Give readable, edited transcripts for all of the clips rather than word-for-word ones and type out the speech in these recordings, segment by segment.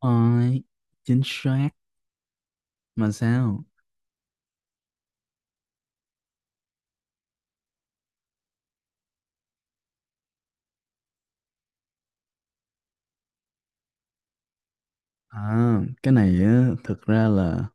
Ôi, chính xác mà sao? À, cái này á, thực ra là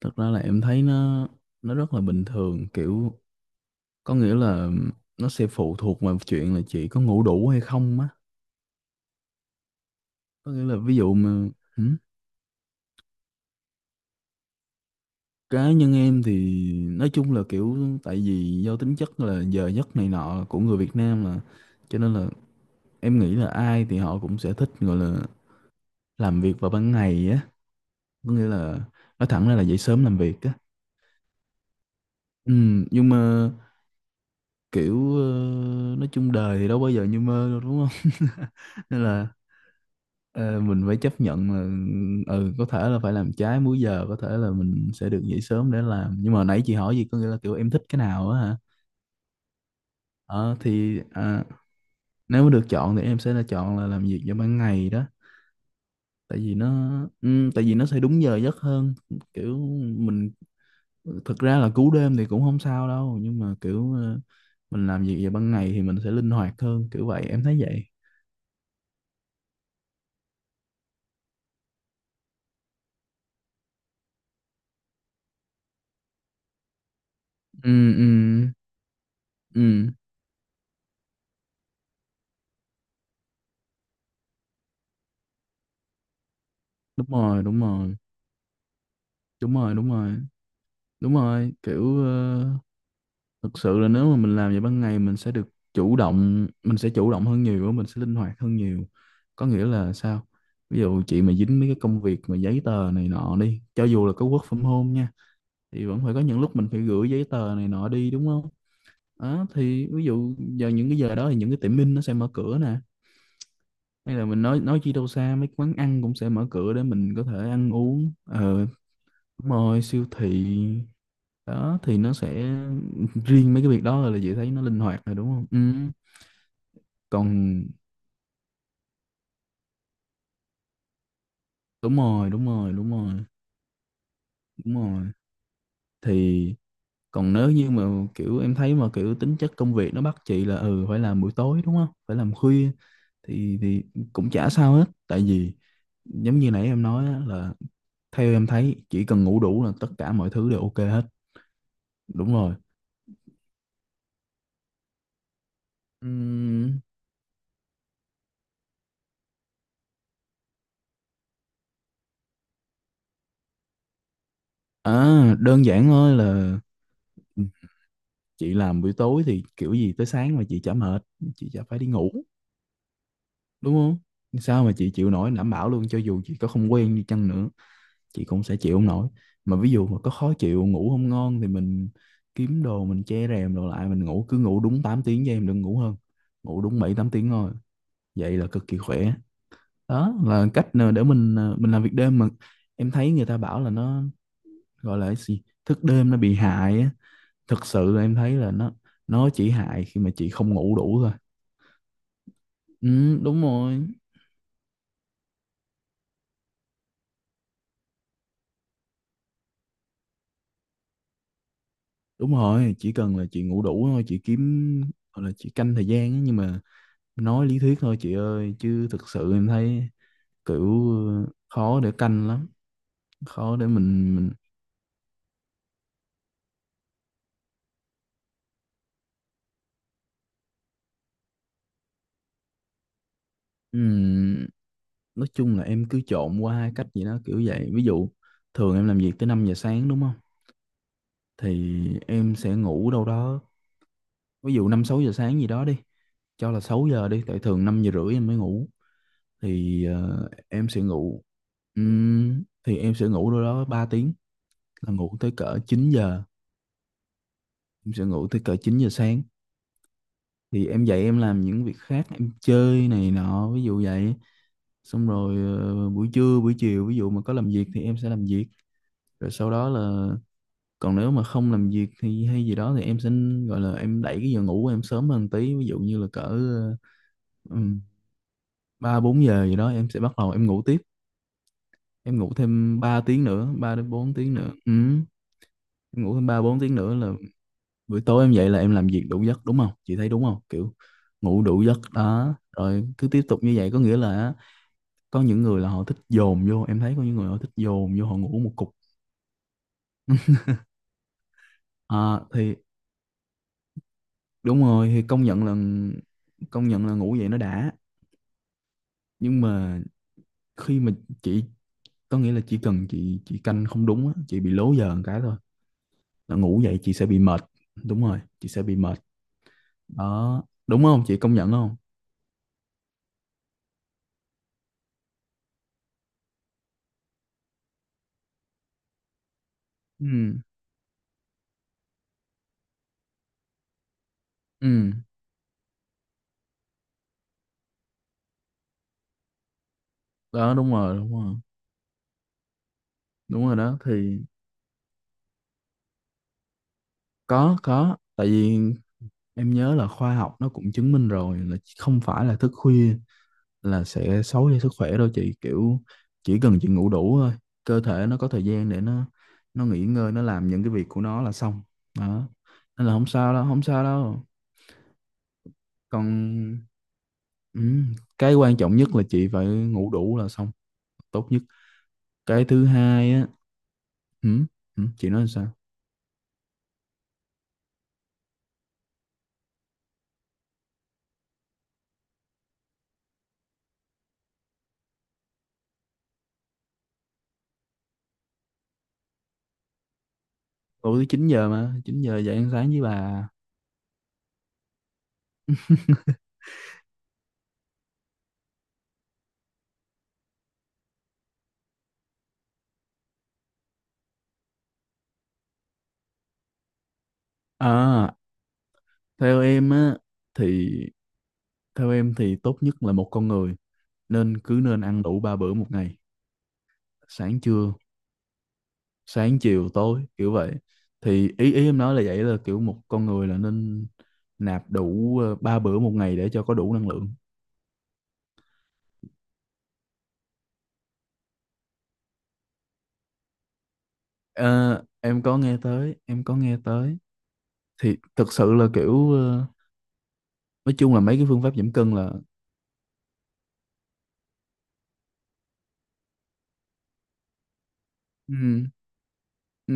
thực ra là em thấy nó rất là bình thường, kiểu có nghĩa là nó sẽ phụ thuộc vào chuyện là chị có ngủ đủ hay không á. Có nghĩa là ví dụ mà ừ, cá nhân em thì nói chung là kiểu, tại vì do tính chất là giờ giấc này nọ của người Việt Nam mà cho nên là em nghĩ là ai thì họ cũng sẽ thích, gọi là làm việc vào ban ngày á, có nghĩa là nói thẳng ra là dậy sớm làm việc á. Ừ, nhưng mà kiểu nói chung đời thì đâu bao giờ như mơ đâu đúng không nên là ờ, mình phải chấp nhận là ừ, có thể là phải làm trái múi giờ, có thể là mình sẽ được dậy sớm để làm. Nhưng mà nãy chị hỏi gì, có nghĩa là kiểu em thích cái nào á hả? ờ thì à, nếu mà được chọn thì em sẽ là chọn là làm việc vào ban ngày đó, tại vì nó, tại vì nó sẽ đúng giờ giấc hơn, kiểu mình thực ra là cứu đêm thì cũng không sao đâu, nhưng mà kiểu mình làm việc vào ban ngày thì mình sẽ linh hoạt hơn, kiểu vậy em thấy vậy. Ừ, ừ, ừ, đúng rồi, đúng rồi, đúng rồi, đúng rồi, đúng rồi kiểu thực sự là nếu mà mình làm vậy ban ngày mình sẽ được chủ động, mình sẽ chủ động hơn nhiều, mình sẽ linh hoạt hơn nhiều, có nghĩa là sao? Ví dụ chị mà dính mấy cái công việc mà giấy tờ này nọ đi, cho dù là có work from home nha, thì vẫn phải có những lúc mình phải gửi giấy tờ này nọ đi đúng không? Đó thì ví dụ giờ những cái giờ đó thì những cái tiệm in nó sẽ mở cửa nè, hay là mình nói chi đâu xa, mấy quán ăn cũng sẽ mở cửa để mình có thể ăn uống. Ờ Đúng rồi, siêu thị đó thì nó sẽ, riêng mấy cái việc đó là dễ thấy nó linh hoạt rồi đúng không? Ừ. Còn đúng rồi, đúng rồi, đúng rồi, đúng rồi. Thì còn nếu như mà kiểu em thấy mà kiểu tính chất công việc nó bắt chị là ừ phải làm buổi tối đúng không? Phải làm khuya thì cũng chả sao hết. Tại vì giống như nãy em nói á, là theo em thấy chỉ cần ngủ đủ là tất cả mọi thứ đều ok hết. Đúng rồi. Ừm, à đơn giản thôi là chị làm buổi tối thì kiểu gì tới sáng mà chị chả mệt, chị chả phải đi ngủ đúng không? Sao mà chị chịu nổi, đảm bảo luôn cho dù chị có không quen đi chăng nữa chị cũng sẽ chịu không nổi. Mà ví dụ mà có khó chịu ngủ không ngon thì mình kiếm đồ, mình che rèm đồ lại, mình ngủ, cứ ngủ đúng 8 tiếng, cho em đừng ngủ hơn, ngủ đúng 7 8 tiếng thôi, vậy là cực kỳ khỏe. Đó là cách nào để mình, mình làm việc đêm mà em thấy người ta bảo là nó, gọi là cái gì, thức đêm nó bị hại á. Thực sự là em thấy là nó chỉ hại khi mà chị không ngủ đủ thôi. Ừ, đúng rồi, chỉ cần là chị ngủ đủ thôi, chị kiếm gọi là chị canh thời gian á, nhưng mà nói lý thuyết thôi chị ơi, chứ thực sự em thấy kiểu khó để canh lắm, khó để mình ừm, nói chung là em cứ trộn qua hai cách gì đó kiểu vậy. Ví dụ thường em làm việc tới 5 giờ sáng đúng không? Thì em sẽ ngủ đâu đó, ví dụ 5 6 giờ sáng gì đó đi, cho là 6 giờ đi, tại thường 5 giờ rưỡi em mới ngủ, thì ờ, em sẽ ngủ thì em sẽ ngủ đâu đó 3 tiếng, là ngủ tới cỡ 9 giờ. Em sẽ ngủ tới cỡ 9 giờ sáng thì em dậy em làm những việc khác, em chơi này nọ ví dụ vậy. Xong rồi buổi trưa buổi chiều ví dụ mà có làm việc thì em sẽ làm việc, rồi sau đó là, còn nếu mà không làm việc thì hay gì đó thì em sẽ gọi là em đẩy cái giờ ngủ của em sớm hơn tí, ví dụ như là cỡ ừm, 3 4 giờ gì đó em sẽ bắt đầu em ngủ tiếp, em ngủ thêm 3 tiếng nữa, 3 đến 4 tiếng nữa. Em ngủ thêm 3 4 tiếng nữa là buổi tối em dậy là em làm việc đủ giấc đúng không chị, thấy đúng không kiểu ngủ đủ giấc đó, rồi cứ tiếp tục như vậy, có nghĩa là có những người là họ thích dồn vô, em thấy có những người họ thích dồn vô họ ngủ một cục. À, thì đúng rồi, thì công nhận là, công nhận là ngủ vậy nó đã. Nhưng mà khi mà chị, có nghĩa là chỉ cần chị canh không đúng á, chị bị lố giờ một cái thôi là ngủ vậy chị sẽ bị mệt, đúng rồi chị sẽ bị mệt. Đó đúng không chị công nhận không? Ừ, ừ, đó đúng rồi, đúng rồi, đúng rồi. Đó thì có tại vì em nhớ là khoa học nó cũng chứng minh rồi là không phải là thức khuya là sẽ xấu cho sức khỏe đâu chị, kiểu chỉ cần chị ngủ đủ thôi, cơ thể nó có thời gian để nó nghỉ ngơi, nó làm những cái việc của nó là xong đó, nên là không sao đâu, không sao đâu. Còn ừ, cái quan trọng nhất là chị phải ngủ đủ là xong, tốt nhất. Cái thứ hai á ừ, ừ, chị nói sao? Tối tới 9 giờ mà 9 giờ dậy ăn sáng với bà. À, theo em á, thì theo em thì tốt nhất là một con người nên cứ nên ăn đủ 3 bữa 1 ngày, sáng trưa, sáng chiều tối kiểu vậy. Thì ý ý em nói là vậy, là kiểu một con người là nên nạp đủ 3 bữa 1 ngày để cho có đủ năng lượng. Ờ, em có nghe tới, em có nghe tới. Thì thực sự là kiểu nói chung là mấy cái phương pháp giảm cân là ừ, ừ,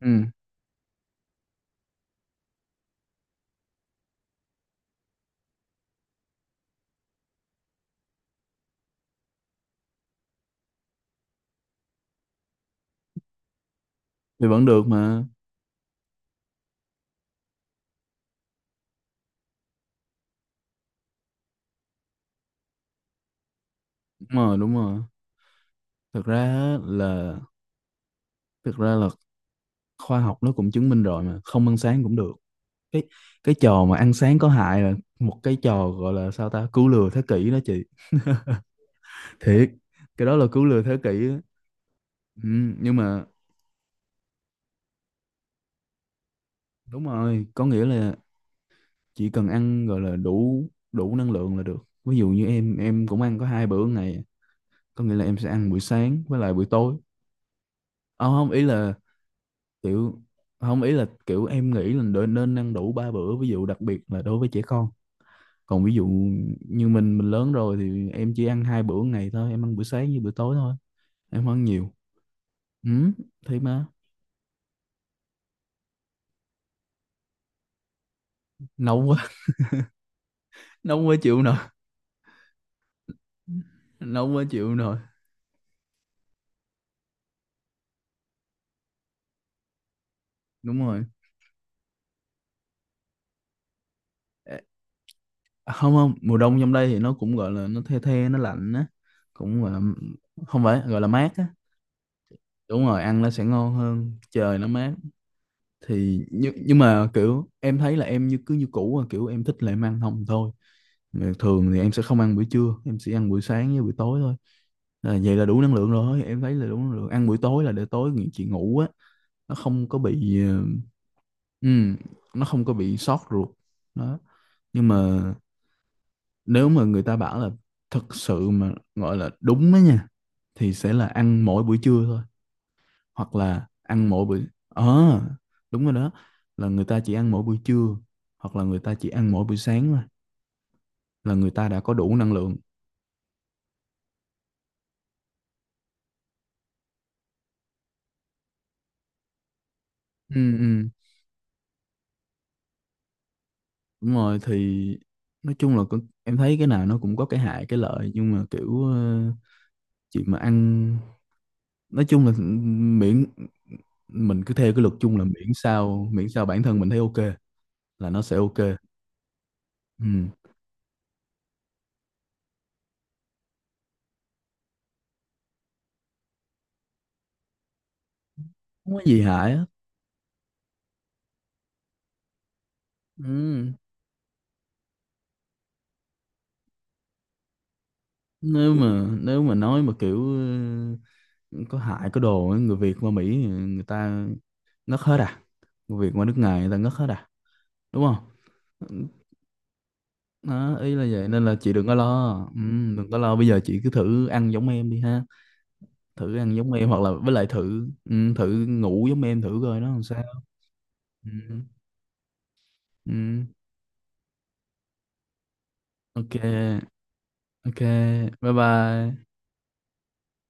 ừ thì vẫn được mà. Đúng rồi, đúng rồi. Thực ra á là thực ra là khoa học nó cũng chứng minh rồi mà không ăn sáng cũng được. cái cái trò mà ăn sáng có hại là một cái trò gọi là sao ta, cứu lừa thế kỷ đó chị, thiệt. Cái đó là cứu lừa thế kỷ á. Ừ, nhưng mà đúng rồi có nghĩa là chỉ cần ăn gọi là đủ, đủ năng lượng là được. Ví dụ như em cũng ăn có 2 bữa ngày, có nghĩa là em sẽ ăn buổi sáng với lại buổi tối. Ờ, không ý là kiểu, không ý là kiểu em nghĩ là nên ăn đủ ba bữa, ví dụ đặc biệt là đối với trẻ con. Còn ví dụ như mình lớn rồi thì em chỉ ăn 2 bữa 1 ngày thôi, em ăn bữa sáng với bữa tối thôi, em không ăn nhiều. Ừ, thế mà nấu quá nấu quá chịu nổi, nóng quá chịu rồi. Đúng rồi. Ê, không không, mùa đông trong đây thì nó cũng gọi là nó the the nó lạnh á, cũng gọi là không phải gọi là mát á. Đúng rồi ăn nó sẽ ngon hơn, trời nó mát. Thì nhưng mà kiểu em thấy là em như cứ như cũ à, kiểu em thích là em ăn không thôi. Mà thường thì em sẽ không ăn buổi trưa, em sẽ ăn buổi sáng với buổi tối thôi. À, vậy là đủ năng lượng rồi, em thấy là đủ năng lượng, ăn buổi tối là để tối nghỉ chị, ngủ á, nó không có bị ừm, nó không có bị sót ruột đó. Nhưng mà nếu mà người ta bảo là thực sự mà gọi là đúng á nha thì sẽ là ăn mỗi buổi trưa thôi, hoặc là ăn mỗi buổi đúng rồi đó, là người ta chỉ ăn mỗi buổi trưa hoặc là người ta chỉ ăn mỗi buổi sáng thôi là người ta đã có đủ năng lượng. Ừ, ừ. Đúng rồi thì nói chung là con-, em thấy cái nào nó cũng có cái hại cái lợi, nhưng mà kiểu chuyện mà ăn, nói chung là miễn, mình cứ theo cái luật chung là miễn sao, miễn sao bản thân mình thấy ok là nó sẽ ok. Ừ. Không có gì hại á. Ừ. Nếu mà nói mà kiểu ờ, có hại có đồ á, người Việt qua Mỹ người ta ngất hết à, người Việt qua nước ngoài người ta ngất hết à, đúng không? Đó, ý là vậy nên là chị đừng có lo ừ, đừng có lo. Bây giờ chị cứ thử ăn giống em đi ha, thử ăn giống em hoặc là với lại thử ừ, thử ngủ giống em thử coi nó làm sao. Ừ, ừ, ok, ok, bye bye.